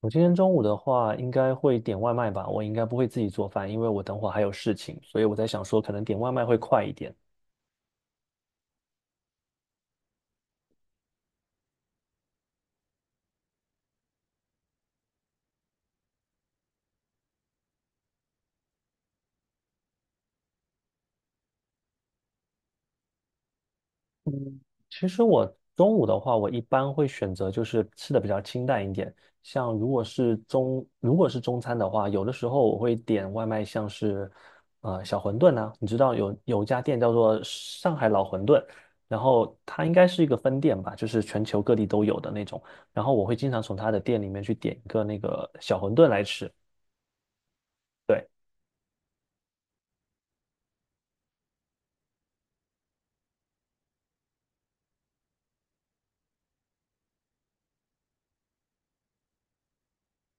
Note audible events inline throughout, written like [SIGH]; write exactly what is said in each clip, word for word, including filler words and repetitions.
我今天中午的话，应该会点外卖吧。我应该不会自己做饭，因为我等会儿还有事情，所以我在想说，可能点外卖会快一点。其实我中午的话，我一般会选择就是吃的比较清淡一点，像如果是中如果是中餐的话，有的时候我会点外卖，像是呃小馄饨啊，你知道有有一家店叫做上海老馄饨，然后它应该是一个分店吧，就是全球各地都有的那种，然后我会经常从它的店里面去点一个那个小馄饨来吃。对。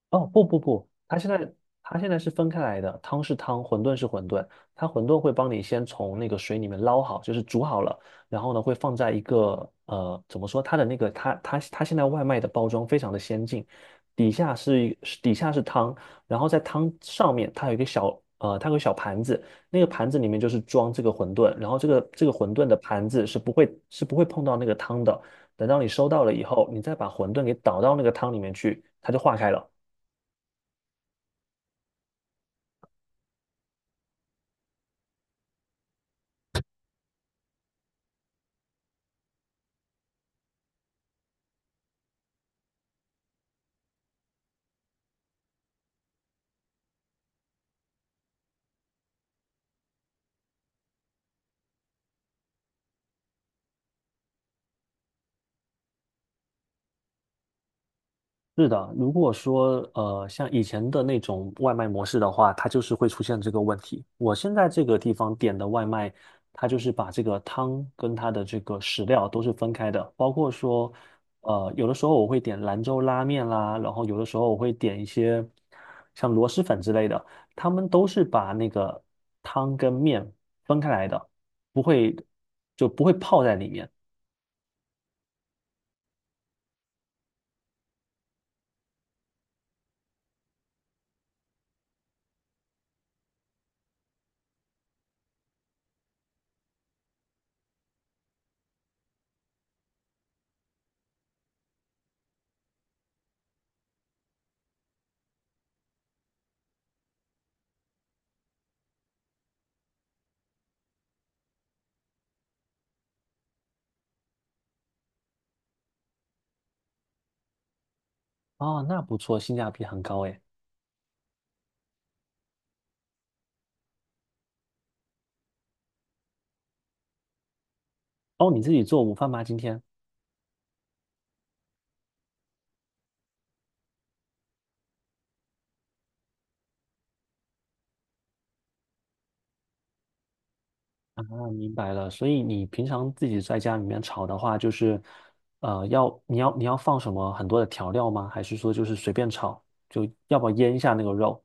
哦，不不不，它现在它现在是分开来的，汤是汤，馄饨是馄饨。它馄饨会帮你先从那个水里面捞好，就是煮好了，然后呢会放在一个呃，怎么说？它的那个它它它现在外卖的包装非常的先进，底下是一是底下是汤，然后在汤上面它有一个小呃，它有个小盘子，那个盘子里面就是装这个馄饨，然后这个这个馄饨的盘子是不会是不会碰到那个汤的。等到你收到了以后，你再把馄饨给倒到那个汤里面去，它就化开了。是的，如果说呃，像以前的那种外卖模式的话，它就是会出现这个问题。我现在这个地方点的外卖，它就是把这个汤跟它的这个食料都是分开的，包括说，呃，有的时候我会点兰州拉面啦，然后有的时候我会点一些像螺蛳粉之类的，他们都是把那个汤跟面分开来的，不会就不会泡在里面。啊。那不错，性价比很高诶。哦，你自己做午饭吗？今天？明白了，所以你平常自己在家里面炒的话，就是，呃，要你要你要放什么很多的调料吗？还是说就是随便炒，就要不要腌一下那个肉？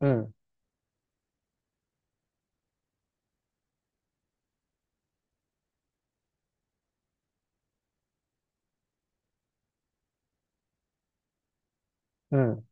嗯嗯，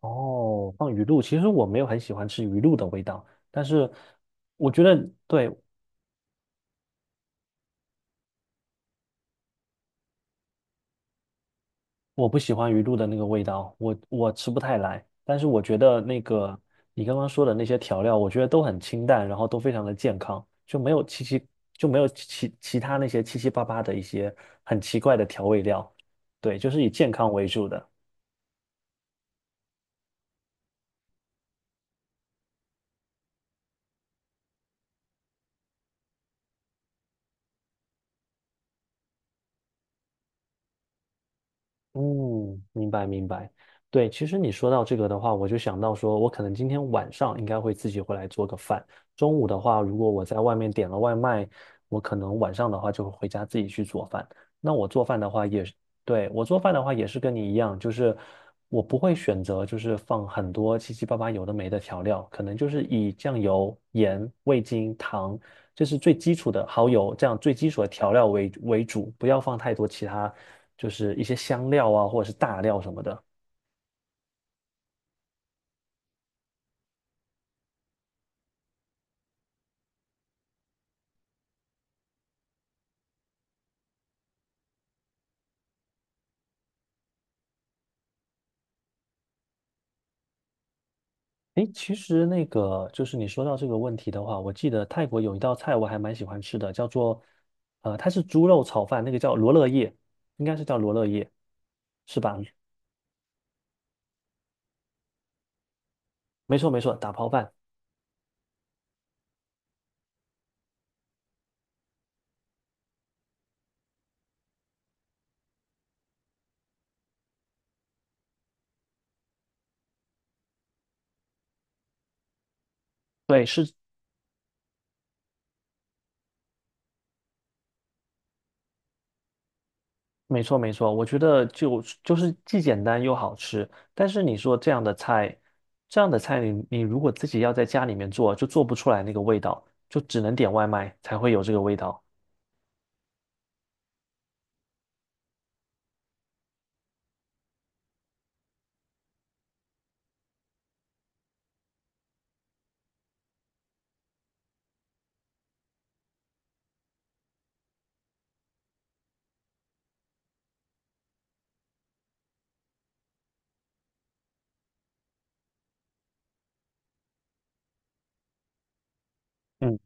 哦，放鱼露，其实我没有很喜欢吃鱼露的味道，但是我觉得对，我不喜欢鱼露的那个味道，我我吃不太来。但是我觉得那个你刚刚说的那些调料，我觉得都很清淡，然后都非常的健康，就没有七七就没有其其他那些七七八八的一些很奇怪的调味料。对，就是以健康为主的。嗯，明白明白。对，其实你说到这个的话，我就想到说，我可能今天晚上应该会自己回来做个饭。中午的话，如果我在外面点了外卖，我可能晚上的话就会回家自己去做饭。那我做饭的话也是，对，我做饭的话也是跟你一样，就是我不会选择就是放很多七七八八有的没的调料，可能就是以酱油、盐、味精、糖，这是最基础的蚝油，这样最基础的调料为为主，不要放太多其他。就是一些香料啊，或者是大料什么的。诶，其实那个就是你说到这个问题的话，我记得泰国有一道菜我还蛮喜欢吃的，叫做呃，它是猪肉炒饭，那个叫罗勒叶，应该是叫罗勒叶，是吧？没错没错，打抛饭，对，是没错没错。我觉得就就是既简单又好吃，但是你说这样的菜，这样的菜你你如果自己要在家里面做，就做不出来那个味道，就只能点外卖才会有这个味道。嗯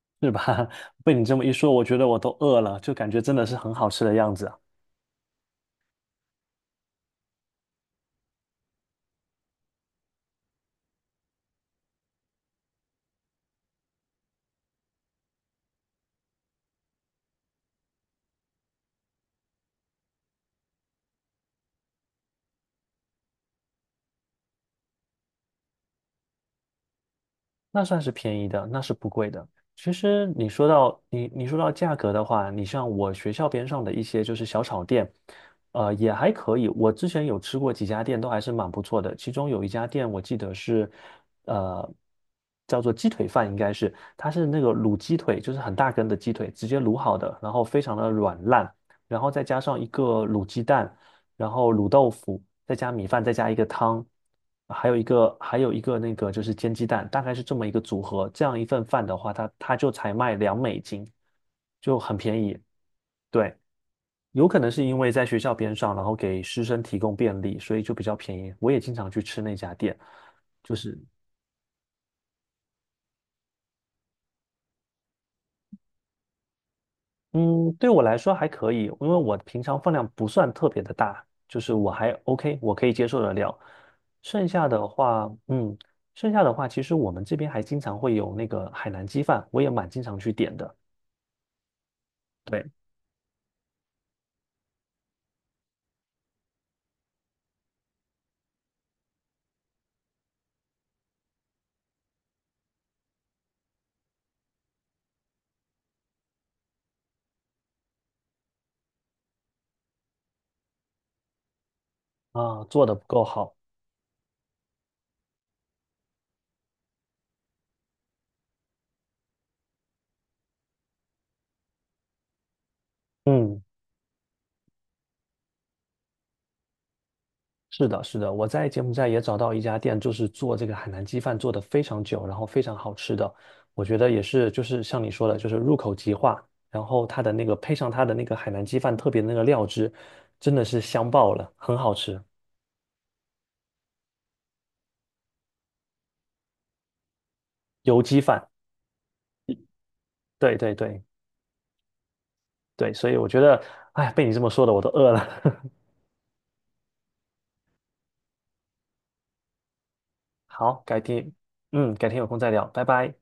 [LAUGHS] 是吧？[LAUGHS] 被你这么一说，我觉得我都饿了，就感觉真的是很好吃的样子啊。那算是便宜的，那是不贵的。其实你说到你你说到价格的话，你像我学校边上的一些就是小炒店，呃，也还可以。我之前有吃过几家店，都还是蛮不错的。其中有一家店我记得是，呃，叫做鸡腿饭，应该是它是那个卤鸡腿，就是很大根的鸡腿，直接卤好的，然后非常的软烂，然后再加上一个卤鸡蛋。然后卤豆腐，再加米饭，再加一个汤，还有一个还有一个那个就是煎鸡蛋，大概是这么一个组合。这样一份饭的话，它它就才卖两美金，就很便宜。对，有可能是因为在学校边上，然后给师生提供便利，所以就比较便宜。我也经常去吃那家店，就是。嗯，对我来说还可以，因为我平常饭量不算特别的大，就是我还 O K,我可以接受得了。剩下的话，嗯，剩下的话，其实我们这边还经常会有那个海南鸡饭，我也蛮经常去点的。对，啊，做的不够好，嗯。是的，是的，我在柬埔寨也找到一家店，就是做这个海南鸡饭，做的非常久，然后非常好吃的。我觉得也是，就是像你说的，就是入口即化，然后它的那个配上它的那个海南鸡饭特别的那个料汁，真的是香爆了，很好吃。油鸡饭，对对对对，所以我觉得，哎，被你这么说的，我都饿了。[LAUGHS] 好，改天，嗯，改天有空再聊，拜拜。